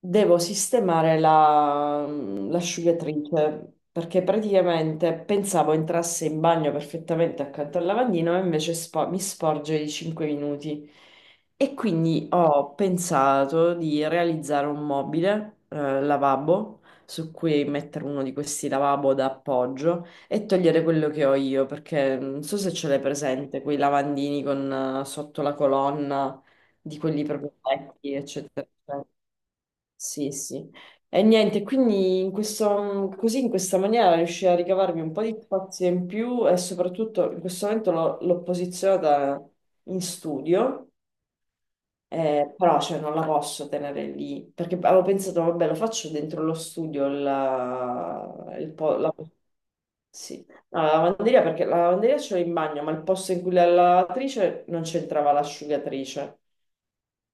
Devo sistemare l'asciugatrice perché praticamente pensavo entrasse in bagno perfettamente accanto al lavandino e invece mi sporge di 5 minuti. E quindi ho pensato di realizzare un mobile, lavabo, su cui mettere uno di questi lavabo da appoggio e togliere quello che ho io perché non so se ce l'hai presente, quei lavandini con sotto la colonna di quelli proprio vecchi, eccetera, eccetera. Sì, sì. E niente, quindi in questo, così in questa maniera riuscii a ricavarmi un po' di spazio in più e soprattutto in questo momento l'ho posizionata in studio, però cioè, non la posso tenere lì perché avevo pensato, vabbè, lo faccio dentro lo studio, la, il po- la- sì. No, la lavanderia perché la lavanderia ce l'ho in bagno, ma il posto in cui la lavatrice non c'entrava l'asciugatrice.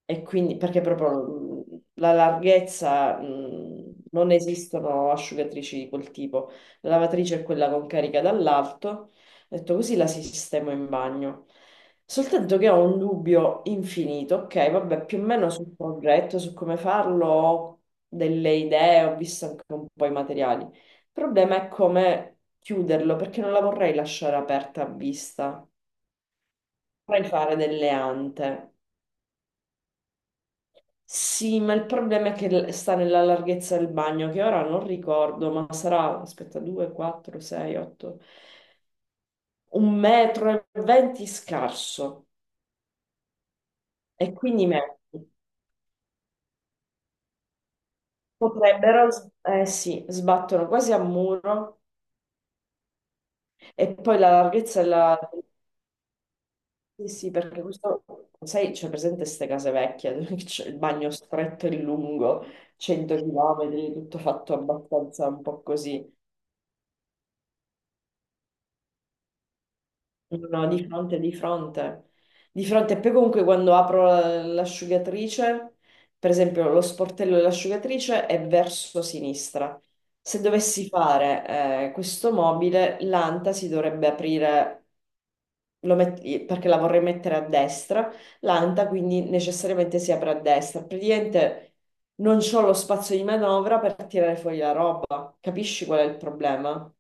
E quindi, perché proprio la larghezza, non esistono asciugatrici di quel tipo. La lavatrice è quella con carica dall'alto. Ho detto così la sistemo in bagno. Soltanto che ho un dubbio infinito. Ok, vabbè, più o meno sul progetto, su come farlo, ho delle idee, ho visto anche un po' i materiali. Il problema è come chiuderlo, perché non la vorrei lasciare aperta a vista. Vorrei fare delle ante. Sì, ma il problema è che sta nella larghezza del bagno, che ora non ricordo, ma sarà, aspetta, 2, 4, 6, 8, un metro e 20 scarso. E quindi potrebbero, eh sì, sbattono quasi a muro. E poi la larghezza della... Sì, sì, perché questo, sai, c'è presente queste case vecchie, dove c'è il bagno stretto e lungo, 100 km, tutto fatto abbastanza un po' così. No, no, di fronte, di fronte, di fronte. E poi comunque quando apro l'asciugatrice, per esempio lo sportello dell'asciugatrice è verso sinistra. Se dovessi fare questo mobile, l'anta si dovrebbe aprire, perché la vorrei mettere a destra, l'anta quindi necessariamente si apre a destra. Praticamente non ho lo spazio di manovra per tirare fuori la roba. Capisci qual è il problema?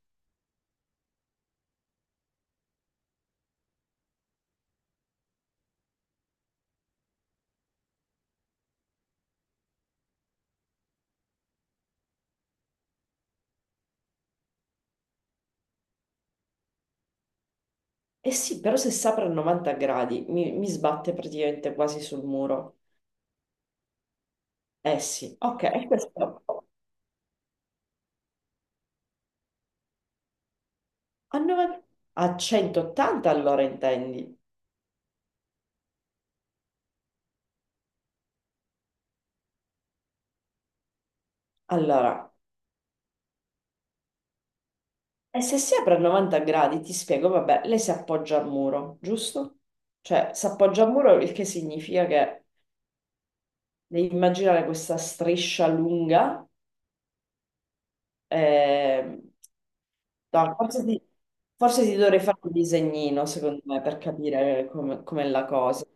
Eh sì, però se si apre a 90 gradi mi sbatte praticamente quasi sul muro. Eh sì, ok, questo 90, a 180 allora intendi. Allora, e se si apre a 90 gradi, ti spiego, vabbè, lei si appoggia al muro, giusto? Cioè, si appoggia al muro, il che significa che devi immaginare questa striscia lunga. eh, no, forse ti dovrei fare un disegnino, secondo me, per capire come com'è la cosa.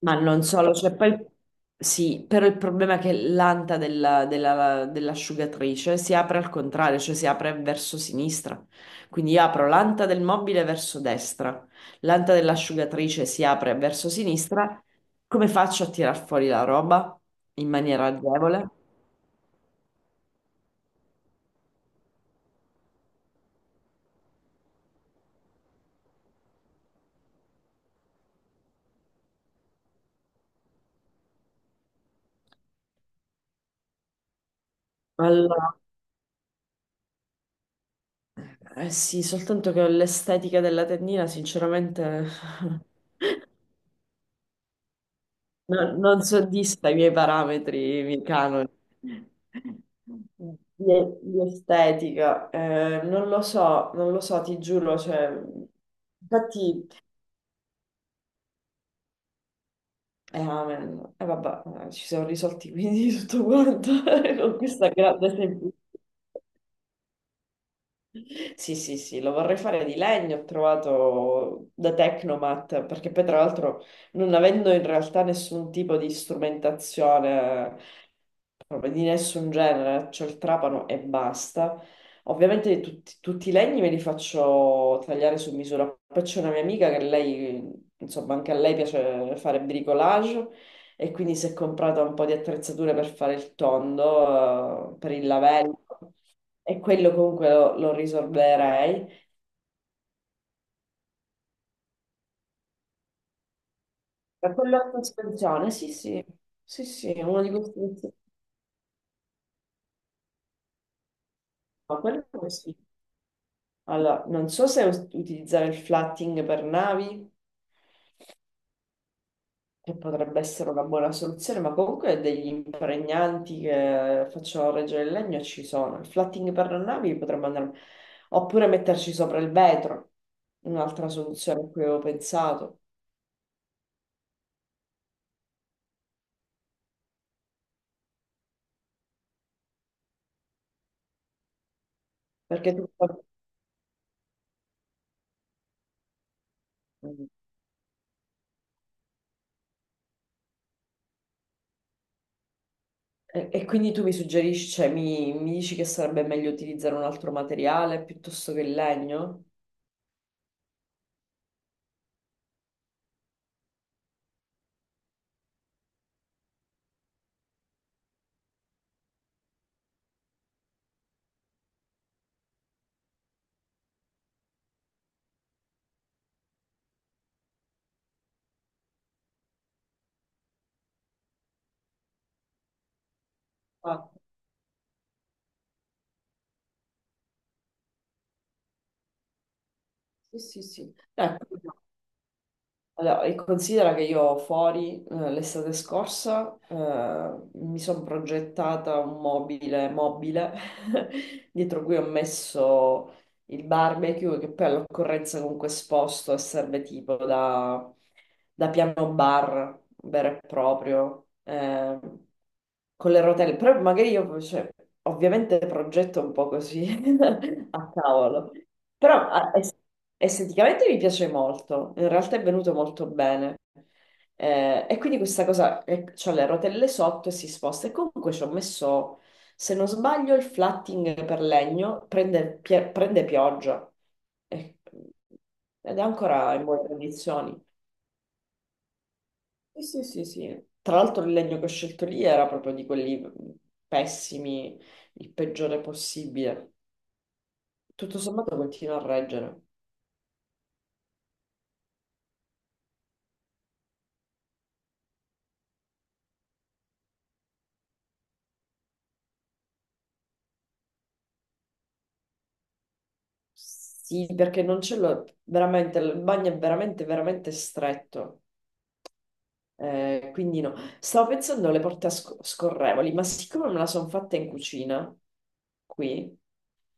Ma non solo, cioè poi sì, però il problema è che l'anta dell'asciugatrice si apre al contrario, cioè si apre verso sinistra. Quindi io apro l'anta del mobile verso destra, l'anta dell'asciugatrice si apre verso sinistra. Come faccio a tirar fuori la roba in maniera agevole? Allora, eh sì, soltanto che l'estetica della tendina, sinceramente, non soddisfa i miei parametri, i miei canoni di, di estetica. Non lo so, non lo so, ti giuro. Cioè, infatti, amen. Vabbè, ci siamo risolti quindi tutto quanto con questa grande semplicità. Sì, sì, sì, lo vorrei fare di legno, ho trovato da Tecnomat, perché poi tra l'altro non avendo in realtà nessun tipo di strumentazione proprio di nessun genere, c'ho il trapano e basta. Ovviamente tutti i legni me li faccio tagliare su misura. Poi c'è una mia amica che lei, insomma, anche a lei piace fare bricolage e quindi si è comprata un po' di attrezzature per fare il tondo, per il lavello e quello comunque lo risolverei. Per quello a sospensione, sì, sì, sì, sì, è uno di questi. No, quello sì. Allora, non so se utilizzare il flatting per navi, che potrebbe essere una buona soluzione, ma comunque degli impregnanti che facciano reggere il legno ci sono. Il flatting per le navi potremmo andare, oppure metterci sopra il vetro, un'altra soluzione a cui avevo pensato. Perché tu... E, e quindi tu mi suggerisci, cioè mi dici che sarebbe meglio utilizzare un altro materiale piuttosto che il legno? Ah, sì, sì, sì. Ecco. Allora, e considera che io fuori l'estate scorsa mi sono progettata un mobile dietro cui ho messo il barbecue che poi all'occorrenza comunque esposto e serve tipo da, da piano bar vero e proprio con le rotelle però magari io cioè, ovviamente progetto un po' così a cavolo però esteticamente mi piace molto, in realtà è venuto molto bene. E quindi questa cosa, c'ho le rotelle sotto e si sposta e comunque ci ho messo, se non sbaglio, il flatting per legno prende, prende pioggia. Eh, ed è ancora in buone condizioni. Sì, sì, sì, sì. Tra l'altro il legno che ho scelto lì era proprio di quelli pessimi, il peggiore possibile. Tutto sommato continua a reggere. Sì, perché non c'è lo... veramente, il bagno è veramente, veramente stretto. Quindi no. Stavo pensando alle porte a scorrevoli, ma siccome me la sono fatta in cucina, qui,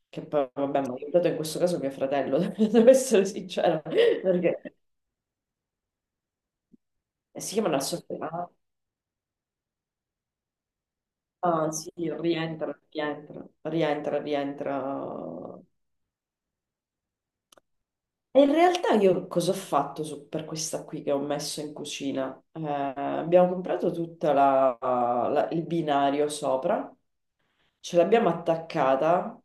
che poi, vabbè, mi ha aiutato in questo caso mio fratello, devo essere sincera, perché si chiama una sorpresa. Ah, sì, rientra, rientra, rientra, rientra. E in realtà io cosa ho fatto per questa qui che ho messo in cucina? Abbiamo comprato tutto il binario sopra, ce l'abbiamo attaccata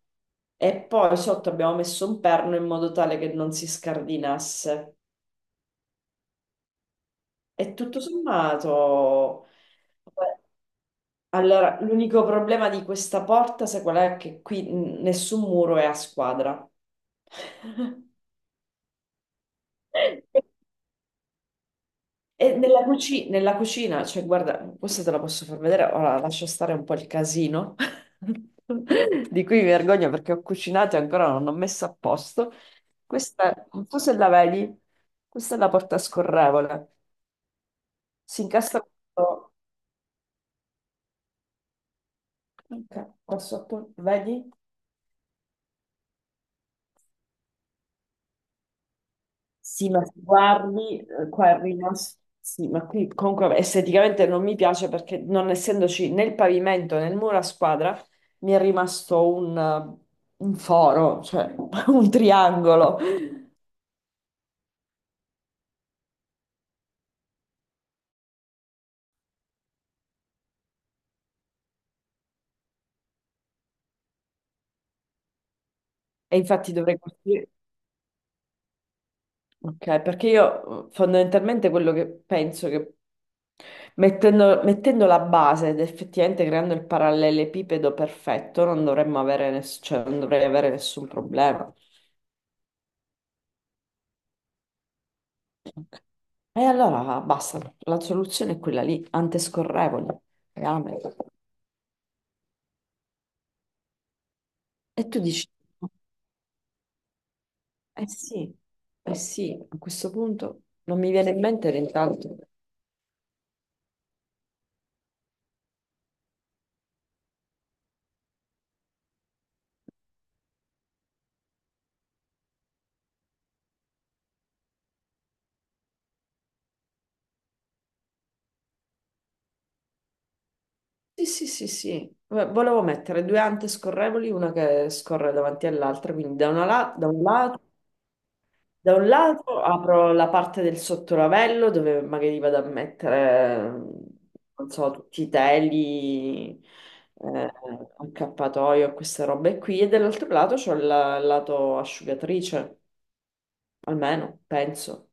e poi sotto abbiamo messo un perno in modo tale che non si scardinasse. E tutto sommato, vabbè, allora, l'unico problema di questa porta, sai qual è? Che qui nessun muro è a squadra. E nella, nella cucina, cioè guarda, questa te la posso far vedere, ora lascio stare un po' il casino di cui mi vergogno perché ho cucinato e ancora non ho messo a posto. Questa, non so se la vedi, questa è la porta scorrevole, si incastra questo, ok, questo appunto, vedi? Sì, ma se guardi, qua è rimasto. Sì, ma qui comunque esteticamente non mi piace perché non essendoci né il pavimento né il muro a squadra, mi è rimasto un foro, cioè un triangolo. E infatti dovrei costruire. Ok, perché io fondamentalmente quello che penso che mettendo la base ed effettivamente creando il parallelepipedo perfetto, non dovremmo avere, cioè, non dovrei avere nessun problema. E allora basta, la soluzione è quella lì, antescorrevoli, rame. E tu dici, eh sì, eh sì, a questo punto non mi viene in mente l'intanto. Sì, sì, sì, sì. Volevo mettere 2 ante scorrevoli, una che scorre davanti all'altra, quindi da, una da un lato. Da un lato apro la parte del sottolavello dove magari vado a mettere, non so, tutti i teli, eh, accappatoio, queste robe qui, e dall'altro lato c'ho il lato asciugatrice, almeno, penso.